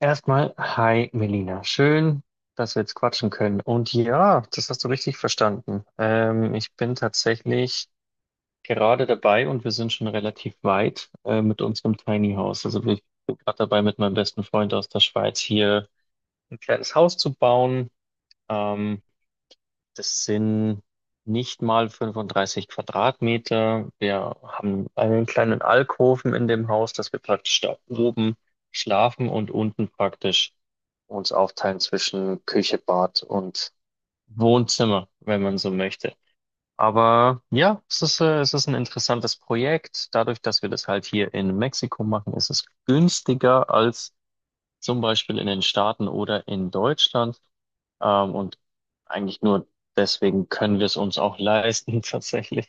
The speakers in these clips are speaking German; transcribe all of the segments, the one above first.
Erstmal, hi Melina. Schön, dass wir jetzt quatschen können. Und ja, das hast du richtig verstanden. Ich bin tatsächlich gerade dabei und wir sind schon relativ weit mit unserem Tiny House. Also ich bin gerade dabei, mit meinem besten Freund aus der Schweiz hier ein kleines Haus zu bauen. Ähm, das sind nicht mal 35 Quadratmeter. Wir haben einen kleinen Alkoven in dem Haus, dass wir praktisch da oben schlafen und unten praktisch uns aufteilen zwischen Küche, Bad und Wohnzimmer, wenn man so möchte. Aber ja, es ist ein interessantes Projekt. Dadurch, dass wir das halt hier in Mexiko machen, ist es günstiger als zum Beispiel in den Staaten oder in Deutschland. Und eigentlich nur deswegen können wir es uns auch leisten, tatsächlich.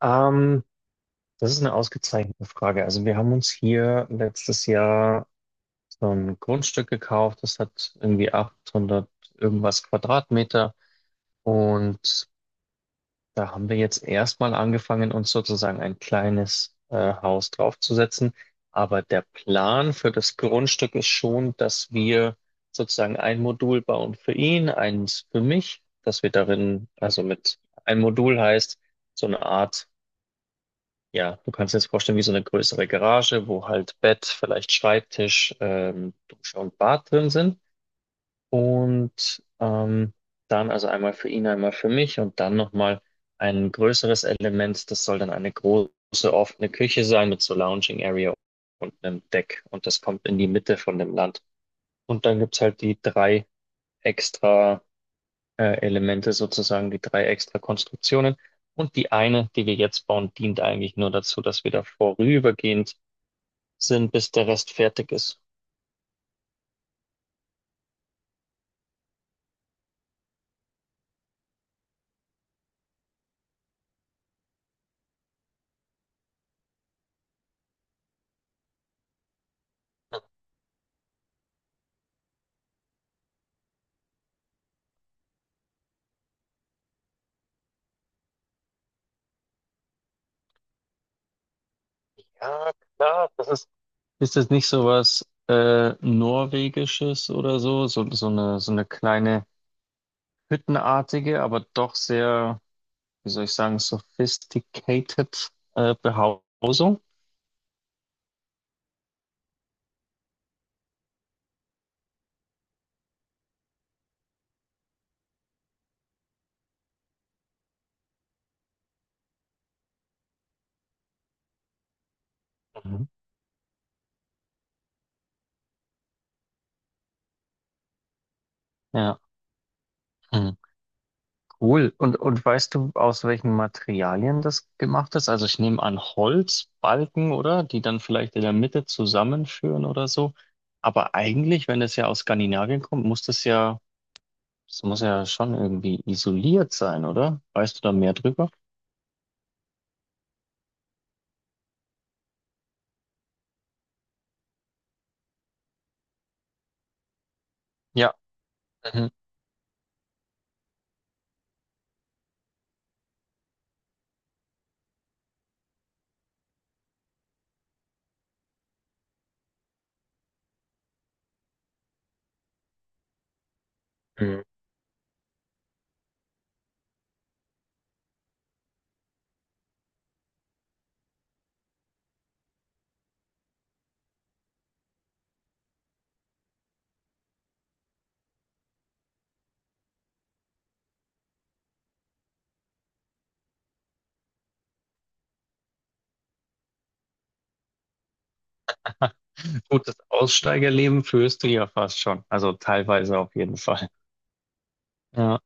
Ähm, das ist eine ausgezeichnete Frage. Also wir haben uns hier letztes Jahr so ein Grundstück gekauft. Das hat irgendwie 800 irgendwas Quadratmeter. Und Da haben wir jetzt erstmal angefangen, uns sozusagen ein kleines Haus draufzusetzen. Aber der Plan für das Grundstück ist schon, dass wir sozusagen ein Modul bauen für ihn, eins für mich, dass wir darin, also mit ein Modul heißt so eine Art, ja, du kannst dir jetzt vorstellen, wie so eine größere Garage, wo halt Bett, vielleicht Schreibtisch, Dusche und Bad drin sind. Und ähm, dann also einmal für ihn, einmal für mich und dann nochmal ein größeres Element. Das soll dann eine große offene Küche sein mit so Lounging Area und einem Deck. Und das kommt in die Mitte von dem Land. Und dann gibt's halt die drei extra Elemente sozusagen, die drei extra Konstruktionen. Und die eine, die wir jetzt bauen, dient eigentlich nur dazu, dass wir da vorübergehend sind, bis der Rest fertig ist. Ja, klar, das ist Ist das nicht so was Norwegisches oder so? So, so eine kleine hüttenartige, aber doch sehr, wie soll ich sagen, sophisticated Behausung? Mhm. Ja, hm. Cool. Und weißt du, aus welchen Materialien das gemacht ist? Also ich nehme an Holzbalken, oder? Die dann vielleicht in der Mitte zusammenführen oder so. Aber eigentlich, wenn das ja aus Skandinavien kommt, das muss ja schon irgendwie isoliert sein, oder? Weißt du da mehr drüber? Ja. Mhm. Mhm. Gut, das Aussteigerleben führst du ja fast schon. Also teilweise auf jeden Fall. Ja,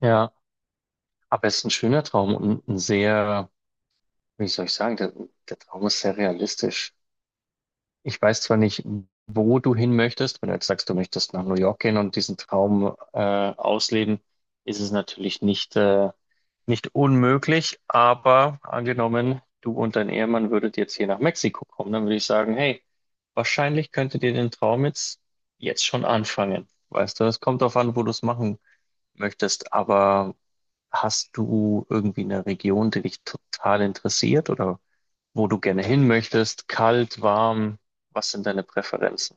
ja. Aber es ist ein schöner Traum und ein sehr, wie soll ich sagen, der Traum ist sehr realistisch. Ich weiß zwar nicht, wo du hin möchtest. Wenn du jetzt sagst, du möchtest nach New York gehen und diesen Traum ausleben, ist es natürlich nicht unmöglich, aber angenommen, du und dein Ehemann würdet jetzt hier nach Mexiko kommen, dann würde ich sagen, hey, wahrscheinlich könntet ihr den Traum jetzt schon anfangen. Weißt du, es kommt darauf an, wo du es machen möchtest, aber hast du irgendwie eine Region, die dich total interessiert oder wo du gerne hin möchtest, kalt, warm, was sind deine Präferenzen?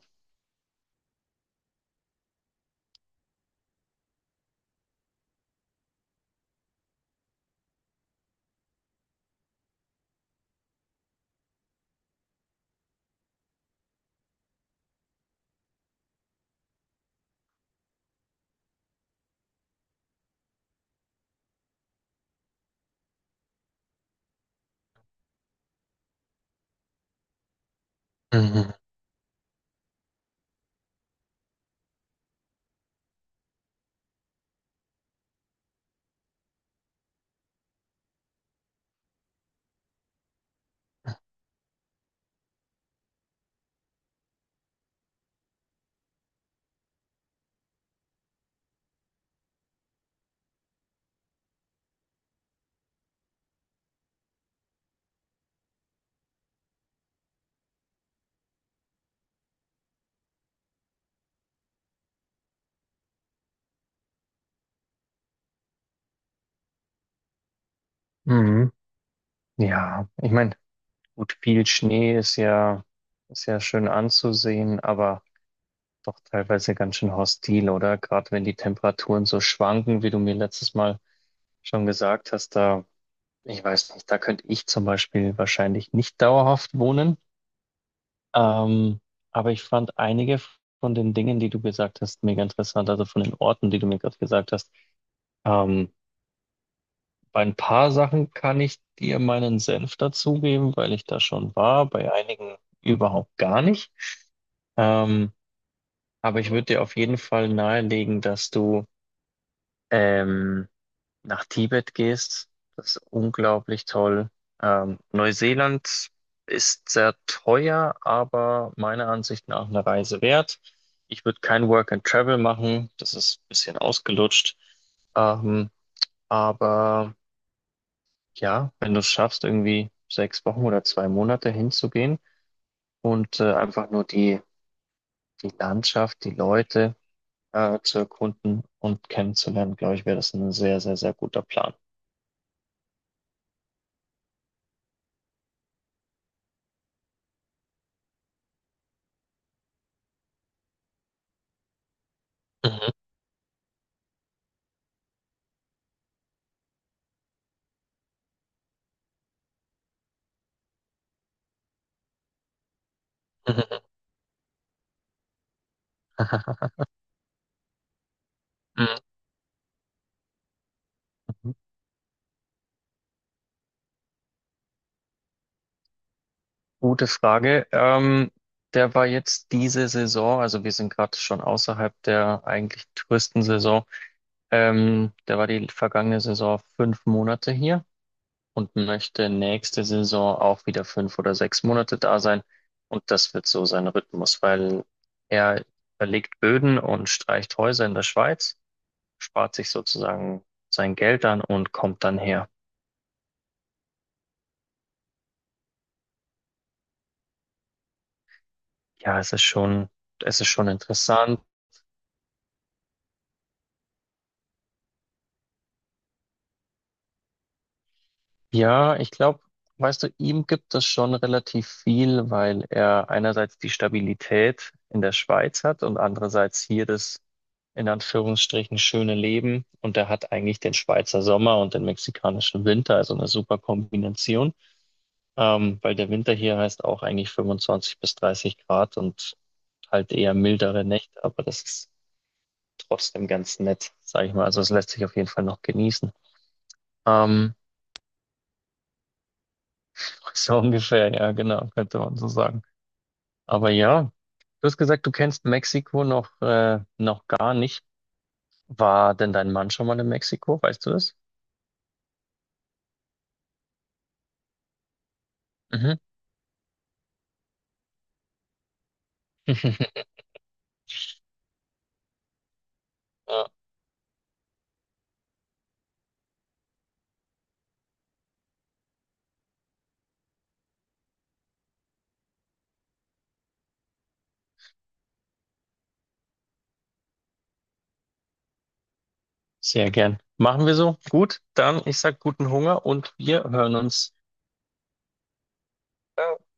Mhm. Mhm. Ja, ich meine, gut, viel Schnee ist ja schön anzusehen, aber doch teilweise ganz schön hostil, oder? Gerade wenn die Temperaturen so schwanken, wie du mir letztes Mal schon gesagt hast, da, ich weiß nicht, da könnte ich zum Beispiel wahrscheinlich nicht dauerhaft wohnen. Ähm, aber ich fand einige von den Dingen, die du gesagt hast, mega interessant, also von den Orten, die du mir gerade gesagt hast. Ähm, Bei ein paar Sachen kann ich dir meinen Senf dazugeben, weil ich da schon war, bei einigen überhaupt gar nicht. Ähm, aber ich würde dir auf jeden Fall nahelegen, dass du ähm, nach Tibet gehst. Das ist unglaublich toll. Neuseeland ist sehr teuer, aber meiner Ansicht nach eine Reise wert. Ich würde kein Work and Travel machen, das ist ein bisschen ausgelutscht. Ähm, aber Ja, wenn du es schaffst, irgendwie 6 Wochen oder 2 Monate hinzugehen und einfach nur die Landschaft, die Leute zu erkunden und kennenzulernen, glaube ich, wäre das ein sehr, sehr, sehr guter Plan. Mhm. Mhm. Mhm. Gute Frage. Der war jetzt diese Saison, also wir sind gerade schon außerhalb der eigentlich Touristensaison. Der war die vergangene Saison 5 Monate hier. Und möchte nächste Saison auch wieder 5 oder 6 Monate da sein. Und das wird so sein Rhythmus, weil er verlegt Böden und streicht Häuser in der Schweiz, spart sich sozusagen sein Geld an und kommt dann her. Ja, es ist schon interessant. Ja, ich glaube, weißt du, ihm gibt es schon relativ viel, weil er einerseits die Stabilität in der Schweiz hat und andererseits hier das in Anführungsstrichen schöne Leben. Und er hat eigentlich den Schweizer Sommer und den mexikanischen Winter, also eine super Kombination, weil der Winter hier heißt auch eigentlich 25 bis 30 Grad und halt eher mildere Nächte, aber das ist trotzdem ganz nett, sag ich mal. Also es lässt sich auf jeden Fall noch genießen. Ähm, so ungefähr, ja, genau, könnte man so sagen. Aber ja, du hast gesagt, du kennst Mexiko noch gar nicht. War denn dein Mann schon mal in Mexiko? Weißt du das? Mhm. Ja, sehr gern. Machen wir so. Gut, dann ich sag guten Hunger und wir hören uns. Ciao.